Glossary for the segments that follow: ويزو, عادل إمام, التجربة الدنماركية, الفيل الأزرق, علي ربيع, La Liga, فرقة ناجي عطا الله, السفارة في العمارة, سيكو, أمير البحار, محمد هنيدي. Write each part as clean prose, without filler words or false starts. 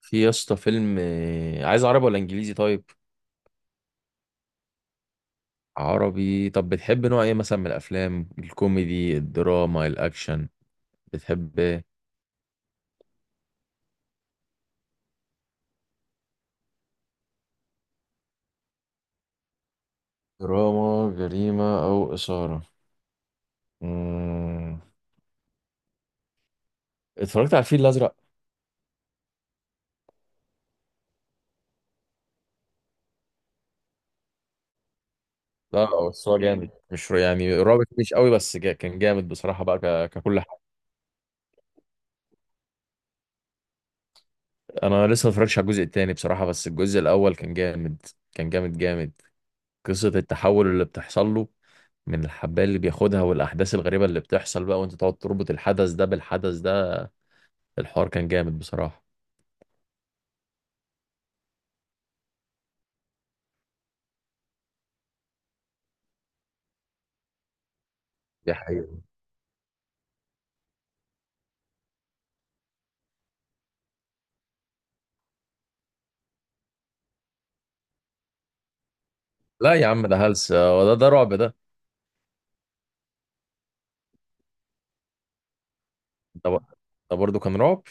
في يا اسطى فيلم عايز عربي ولا انجليزي طيب؟ عربي. طب بتحب نوع ايه مثلا من الافلام؟ الكوميدي، الدراما، الاكشن؟ بتحب ايه؟ دراما جريمة او اثارة. مم. اتفرجت على الفيل الازرق؟ لا، بس هو جامد. مش يعني رابط مش قوي، بس جا كان جامد بصراحة بقى ككل حاجة. انا لسه ما اتفرجتش على الجزء التاني بصراحة، بس الجزء الاول كان جامد. كان جامد جامد. قصة التحول اللي بتحصل له من الحبايه اللي بياخدها، والاحداث الغريبه اللي بتحصل بقى، وانت تقعد تربط الحدث ده بالحدث ده، الحوار كان جامد بصراحه. دي حقيقة. لا يا عم، ده هلس. هو ده رعب ده؟ ده ده برضه كان رعب.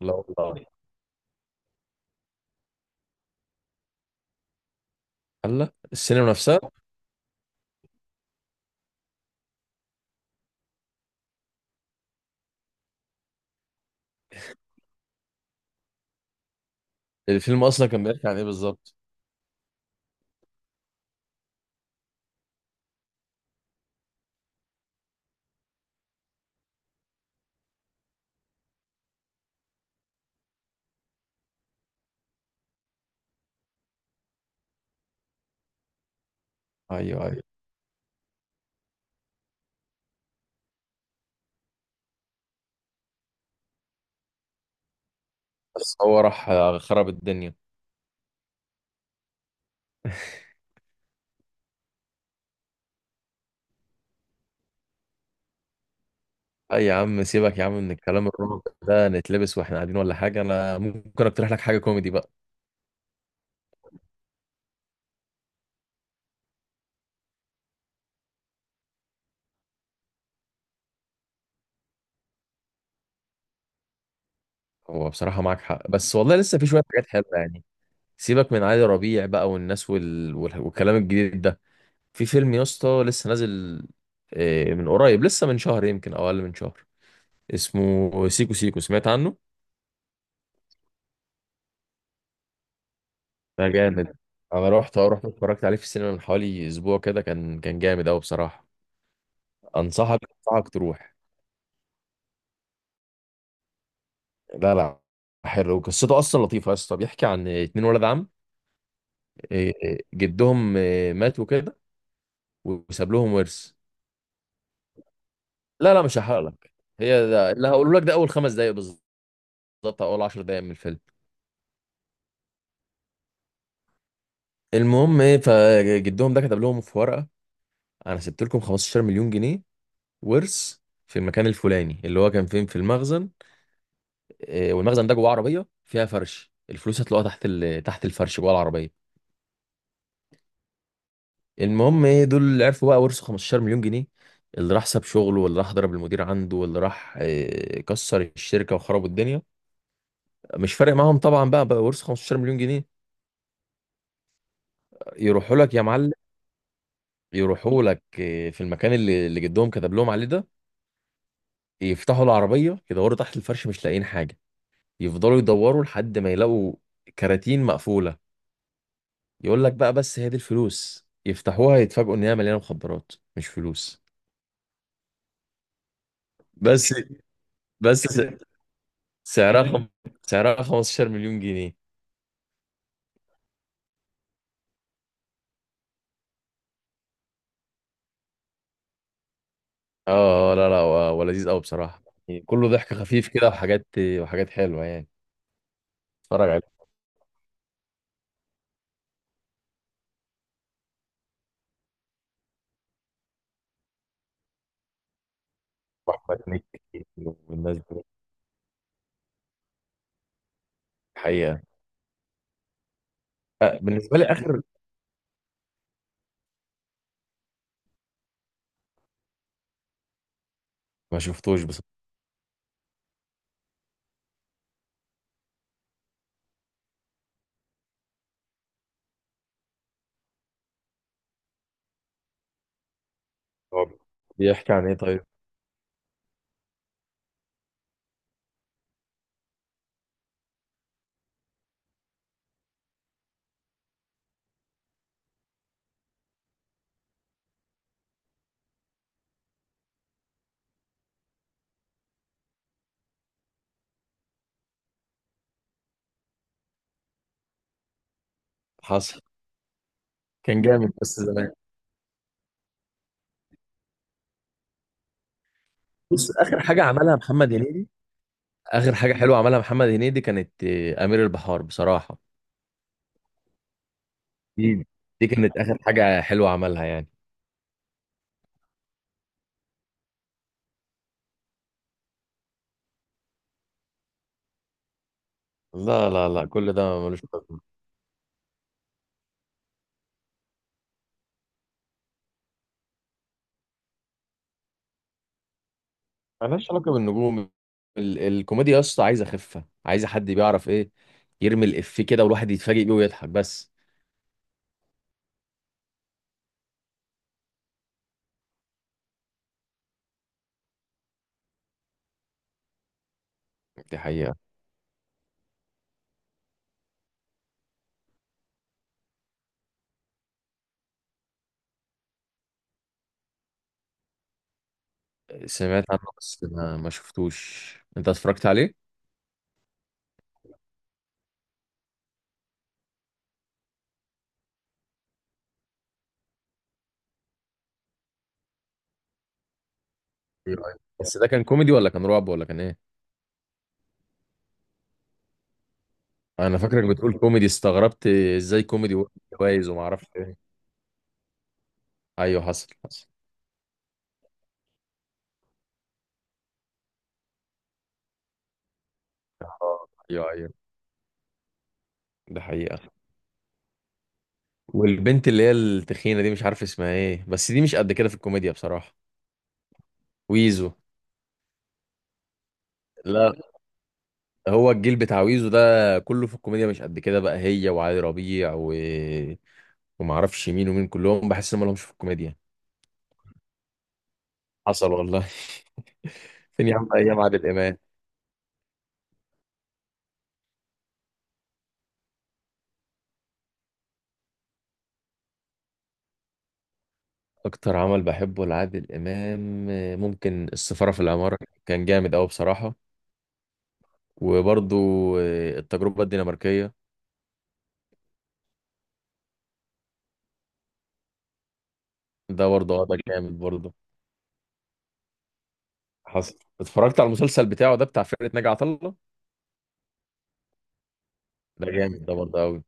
لا والله. هلا السينما نفسها؟ الفيلم اصلا كان بيحكي عن ايه بالظبط؟ ايوه، ايوه. بس هو راح خرب الدنيا. اي يا عم، سيبك يا عم من الكلام الرعب ده. نتلبس واحنا قاعدين ولا حاجه؟ انا ممكن اقترح لك حاجه كوميدي بقى. هو بصراحه معاك حق، بس والله لسه في شويه حاجات حلوه يعني. سيبك من علي ربيع بقى والناس والكلام الجديد ده. في فيلم يا اسطى لسه نازل من قريب، لسه من شهر يمكن او اقل من شهر. اسمه سيكو سيكو، سمعت عنه؟ ده جامد. انا رحت اتفرجت عليه في السينما من حوالي اسبوع كده، كان جامد قوي بصراحه. انصحك انصحك تروح. لا لا. حلو، قصته اصلا لطيفه يا اسطى. بيحكي عن اتنين ولد عم. جدهم مات وكده، وساب لهم ورث. لا لا، مش هحرق لك. هي ده اللي هقوله لك، ده اول 5 دقايق بالظبط. بالظبط اول 10 دقايق من الفيلم. المهم ايه، فجدهم ده كتب لهم في ورقه: انا سبت لكم 15 مليون جنيه ورث في المكان الفلاني اللي هو كان فين في المخزن. والمخزن ده جواه عربيه فيها فرش، الفلوس هتلاقوها تحت تحت الفرش جوه العربيه. المهم ايه، دول اللي عرفوا بقى ورثوا 15 مليون جنيه، اللي راح ساب شغله، واللي راح ضرب المدير عنده، واللي راح كسر الشركه وخرب الدنيا. مش فارق معاهم طبعا بقى، ورثوا 15 مليون جنيه. يروحوا لك يا معلم، يروحوا لك في المكان اللي جدهم كتب لهم عليه ده. يفتحوا العربية، يدوروا تحت الفرش، مش لاقيين حاجة. يفضلوا يدوروا لحد ما يلاقوا كراتين مقفولة. يقول لك بقى بس هي دي الفلوس، يفتحوها يتفاجئوا ان هي مليانة مخدرات مش فلوس. بس بس سعرها خم... سعرها 15 مليون جنيه. لا لا، هو لذيذ قوي بصراحة. يعني كله ضحك خفيف كده وحاجات، حلوة يعني. اتفرج عليه. واحمد مكي والناس دي. حقيقة. بالنسبة لي آخر. ما شفتوش بصراحة. بيحكي عن ايه طيب؟ حصل. كان جامد بس زمان. بص، اخر حاجه عملها محمد هنيدي، اخر حاجه حلوه عملها محمد هنيدي كانت امير البحار بصراحه. دي دي كانت اخر حاجه حلوه عملها يعني. لا لا لا، كل ده ملوش لازمه. ملهاش علاقه بالنجوم. ال الكوميديا يا اسطى عايزه خفه، عايزه حد بيعرف ايه، يرمي الافيه كده والواحد يتفاجئ بيه ويضحك بس. دي حقيقه. سمعت عنه بس ما شفتوش. انت اتفرجت عليه؟ إيه رأيك؟ بس ده كان كوميدي ولا كان رعب ولا كان ايه؟ انا فاكرك بتقول كوميدي، استغربت ازاي كوميدي. وجايز وما اعرفش. ايوه، حصل حصل. ايوه ايوه. ده حقيقة. والبنت اللي هي التخينة دي مش عارف اسمها ايه، بس دي مش قد كده في الكوميديا بصراحة. ويزو. لا. هو الجيل بتاع ويزو ده كله في الكوميديا مش قد كده بقى، هي وعلي ربيع وما اعرفش مين ومين، كلهم بحس ان ما لهمش في الكوميديا. حصل والله فين يا عم ايام عادل امام؟ اكتر عمل بحبه لعادل امام ممكن السفارة في العمارة. كان جامد قوي بصراحة. وبرضو التجربة الدنماركية. ده برضه، ده جامد برضه. حصل. اتفرجت على المسلسل بتاعه ده بتاع فرقة ناجي عطا الله؟ ده جامد، ده برضه قوي.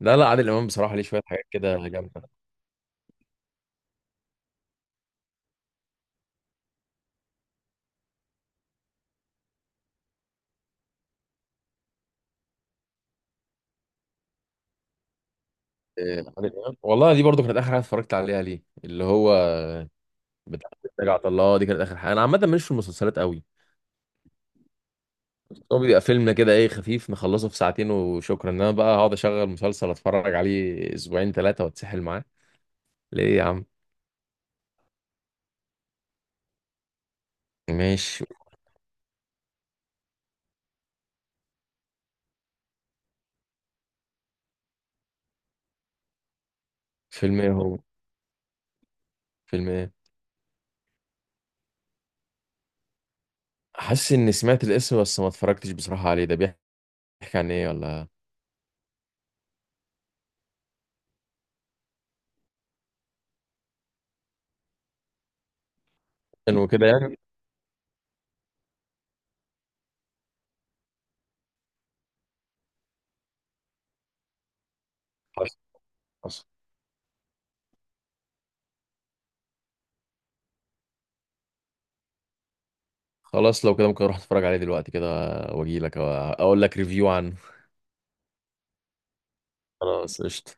لا لا، عادل امام بصراحة ليه شوية حاجات كده جامدة. عادل امام والله، دي برضه كانت اخر حاجة اتفرجت عليها ليه، اللي هو بتاع فرقة ناجي عطا الله. دي كانت اخر حاجة. انا عامة ماليش في المسلسلات قوي. هو بيبقى فيلمنا كده ايه، خفيف، نخلصه في ساعتين وشكرا، انما بقى هقعد اشغل مسلسل اتفرج عليه اسبوعين 3 واتسحل معاه ليه يا عم؟ ماشي. فيلم ايه هو؟ فيلم ايه؟ حاسس اني سمعت الاسم، بس ما اتفرجتش بصراحة عليه. ده بيحكي، بيحكي عن ايه ولا انه كده يعني؟ خلاص، خلاص. خلاص، لو كده ممكن اروح اتفرج عليه دلوقتي كده، واجي لك اقول لك ريفيو عنه. خلاص، قشطة.